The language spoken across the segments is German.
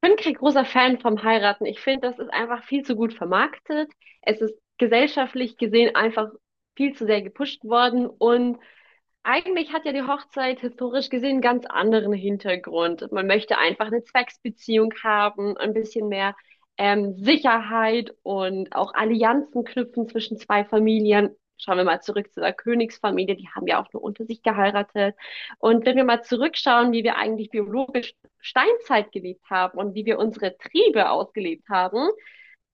Bin kein großer Fan vom Heiraten. Ich finde, das ist einfach viel zu gut vermarktet. Es ist gesellschaftlich gesehen einfach viel zu sehr gepusht worden, und eigentlich hat ja die Hochzeit historisch gesehen einen ganz anderen Hintergrund. Man möchte einfach eine Zwecksbeziehung haben, ein bisschen mehr Sicherheit und auch Allianzen knüpfen zwischen zwei Familien. Schauen wir mal zurück zu der Königsfamilie, die haben ja auch nur unter sich geheiratet. Und wenn wir mal zurückschauen, wie wir eigentlich biologisch Steinzeit gelebt haben und wie wir unsere Triebe ausgelebt haben,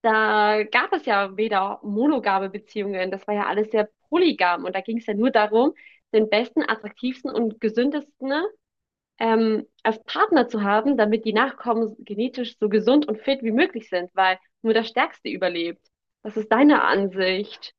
da gab es ja weder monogame Beziehungen, das war ja alles sehr polygam, und da ging es ja nur darum, den besten, attraktivsten und gesündesten als Partner zu haben, damit die Nachkommen genetisch so gesund und fit wie möglich sind, weil nur der Stärkste überlebt. Was ist deine Ansicht?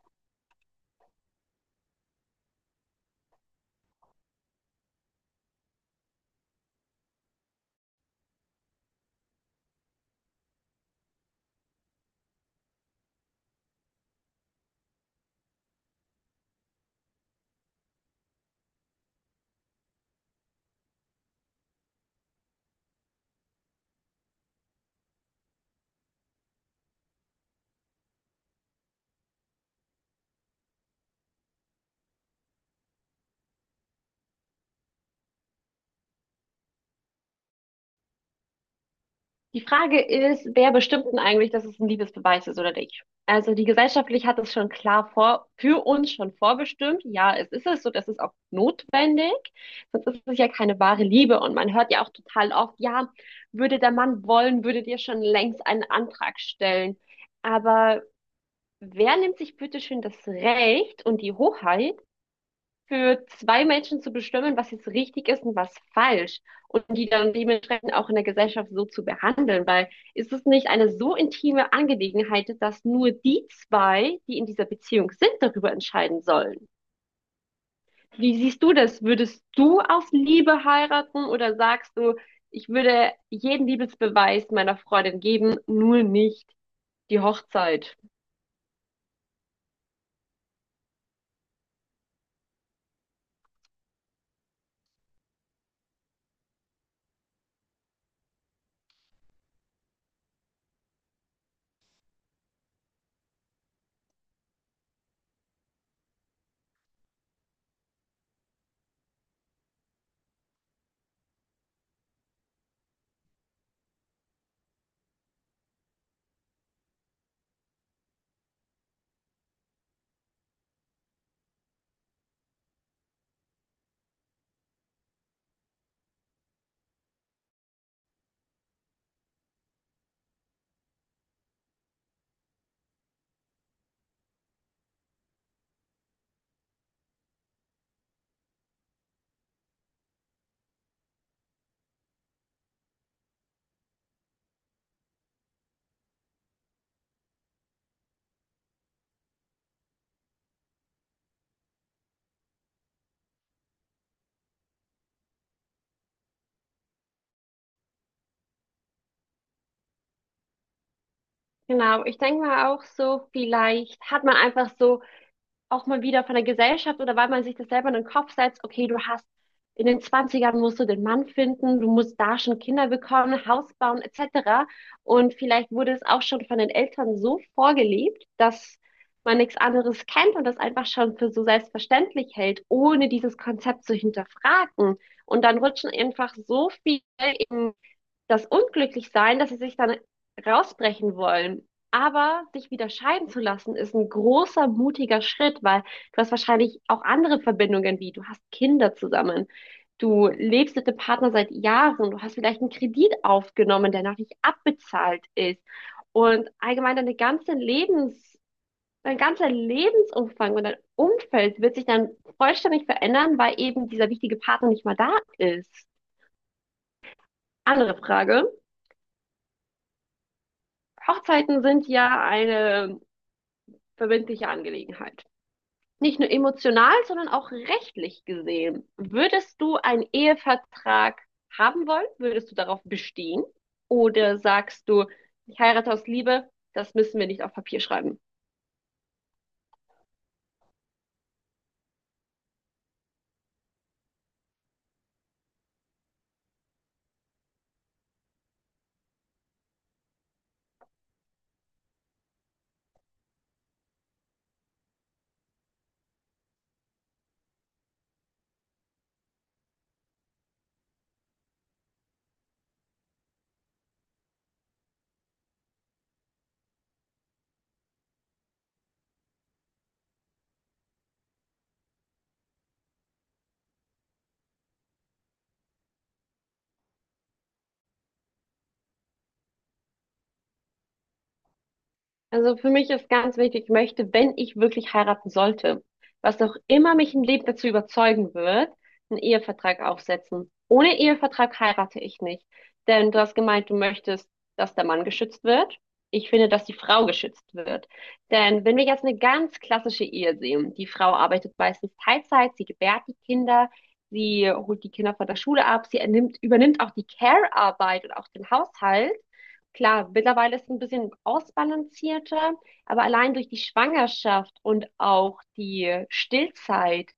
Die Frage ist, wer bestimmt denn eigentlich, dass es ein Liebesbeweis ist oder nicht? Also die gesellschaftlich hat es schon klar vor, für uns schon vorbestimmt. Ja, es ist es so, das ist auch notwendig. Sonst ist es ja keine wahre Liebe. Und man hört ja auch total oft: Ja, würde der Mann wollen, würdet ihr schon längst einen Antrag stellen. Aber wer nimmt sich bitte schön das Recht und die Hoheit, für zwei Menschen zu bestimmen, was jetzt richtig ist und was falsch, und die dann dementsprechend auch in der Gesellschaft so zu behandeln, weil, ist es nicht eine so intime Angelegenheit, dass nur die zwei, die in dieser Beziehung sind, darüber entscheiden sollen? Wie siehst du das? Würdest du auf Liebe heiraten, oder sagst du, ich würde jeden Liebesbeweis meiner Freundin geben, nur nicht die Hochzeit? Genau, ich denke mal auch so, vielleicht hat man einfach so auch mal wieder von der Gesellschaft, oder weil man sich das selber in den Kopf setzt, okay, du hast, in den Zwanzigern musst du den Mann finden, du musst da schon Kinder bekommen, Haus bauen etc. Und vielleicht wurde es auch schon von den Eltern so vorgelebt, dass man nichts anderes kennt und das einfach schon für so selbstverständlich hält, ohne dieses Konzept zu hinterfragen. Und dann rutschen einfach so viele in das Unglücklichsein, dass sie sich dann rausbrechen wollen. Aber sich wieder scheiden zu lassen, ist ein großer, mutiger Schritt, weil du hast wahrscheinlich auch andere Verbindungen, wie, du hast Kinder zusammen, du lebst mit dem Partner seit Jahren, du hast vielleicht einen Kredit aufgenommen, der noch nicht abbezahlt ist. Und allgemein deine ganze Lebens, dein ganzer Lebensumfang und dein Umfeld wird sich dann vollständig verändern, weil eben dieser wichtige Partner nicht mehr da ist. Andere Frage. Hochzeiten sind ja eine verbindliche Angelegenheit. Nicht nur emotional, sondern auch rechtlich gesehen. Würdest du einen Ehevertrag haben wollen? Würdest du darauf bestehen? Oder sagst du, ich heirate aus Liebe, das müssen wir nicht auf Papier schreiben? Also für mich ist ganz wichtig, ich möchte, wenn ich wirklich heiraten sollte, was auch immer mich im Leben dazu überzeugen wird, einen Ehevertrag aufsetzen. Ohne Ehevertrag heirate ich nicht. Denn du hast gemeint, du möchtest, dass der Mann geschützt wird. Ich finde, dass die Frau geschützt wird. Denn wenn wir jetzt eine ganz klassische Ehe sehen, die Frau arbeitet meistens Teilzeit, sie gebärt die Kinder, sie holt die Kinder von der Schule ab, sie ernimmt, übernimmt auch die Care-Arbeit und auch den Haushalt. Klar, mittlerweile ist es ein bisschen ausbalancierter, aber allein durch die Schwangerschaft und auch die Stillzeit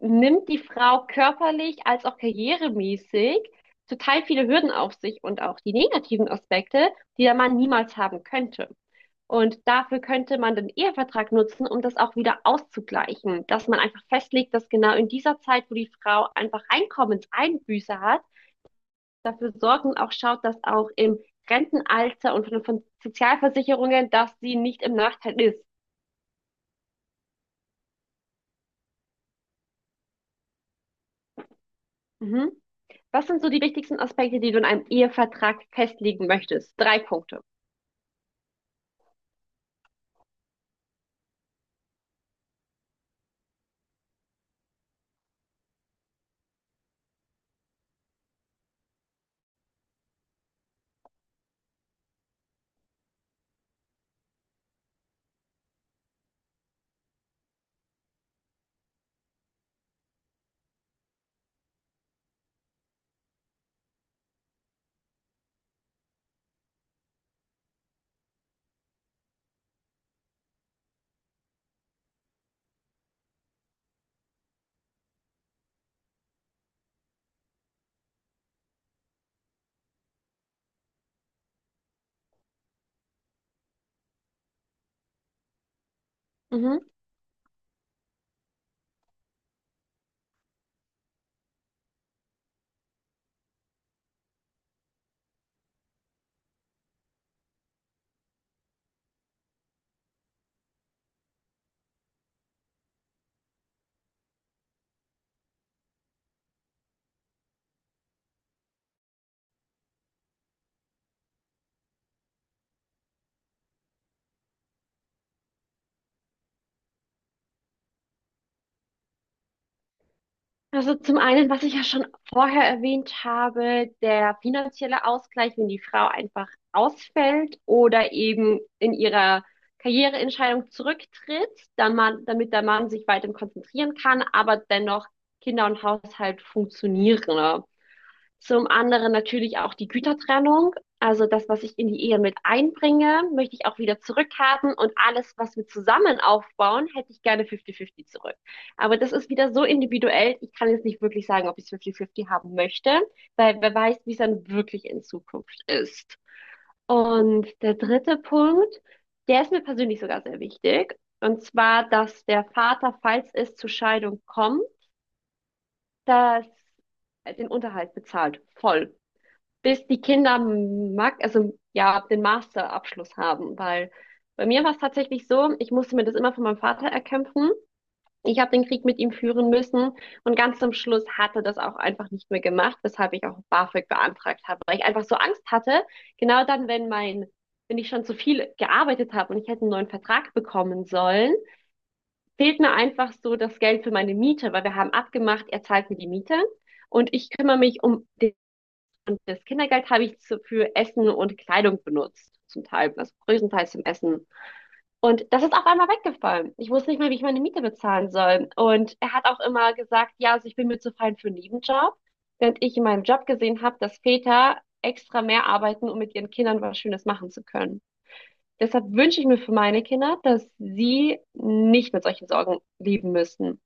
nimmt die Frau körperlich als auch karrieremäßig total viele Hürden auf sich, und auch die negativen Aspekte, die der Mann niemals haben könnte. Und dafür könnte man den Ehevertrag nutzen, um das auch wieder auszugleichen, dass man einfach festlegt, dass genau in dieser Zeit, wo die Frau einfach Einkommenseinbüße hat, dafür sorgen, auch schaut, dass auch im Rentenalter und von Sozialversicherungen, dass sie nicht im Nachteil ist. Mhm. Was sind so die wichtigsten Aspekte, die du in einem Ehevertrag festlegen möchtest? Drei Punkte. Mhm. Also zum einen, was ich ja schon vorher erwähnt habe, der finanzielle Ausgleich, wenn die Frau einfach ausfällt oder eben in ihrer Karriereentscheidung zurücktritt, dann man, damit der Mann sich weiter konzentrieren kann, aber dennoch Kinder und Haushalt funktionieren, ne? Zum anderen natürlich auch die Gütertrennung. Also das, was ich in die Ehe mit einbringe, möchte ich auch wieder zurückhaben. Und alles, was wir zusammen aufbauen, hätte ich gerne 50-50 zurück. Aber das ist wieder so individuell. Ich kann jetzt nicht wirklich sagen, ob ich es 50-50 haben möchte, weil wer weiß, wie es dann wirklich in Zukunft ist. Und der dritte Punkt, der ist mir persönlich sogar sehr wichtig. Und zwar, dass der Vater, falls es zur Scheidung kommt, dass den Unterhalt bezahlt. Voll, bis die Kinder mag, also ja, den Masterabschluss haben, weil bei mir war es tatsächlich so, ich musste mir das immer von meinem Vater erkämpfen. Ich habe den Krieg mit ihm führen müssen, und ganz zum Schluss hatte das auch einfach nicht mehr gemacht, weshalb ich auch BAföG beantragt habe, weil ich einfach so Angst hatte, genau dann, wenn mein, wenn ich schon zu viel gearbeitet habe und ich hätte einen neuen Vertrag bekommen sollen, fehlt mir einfach so das Geld für meine Miete, weil wir haben abgemacht, er zahlt mir die Miete und ich kümmere mich um den, das Kindergeld habe ich zu, für Essen und Kleidung benutzt, zum Teil, also größtenteils zum Essen. Und das ist auf einmal weggefallen. Ich wusste nicht mehr, wie ich meine Miete bezahlen soll. Und er hat auch immer gesagt, ja, also ich bin mir zu fein für einen Nebenjob, während ich in meinem Job gesehen habe, dass Väter extra mehr arbeiten, um mit ihren Kindern was Schönes machen zu können. Deshalb wünsche ich mir für meine Kinder, dass sie nicht mit solchen Sorgen leben müssen.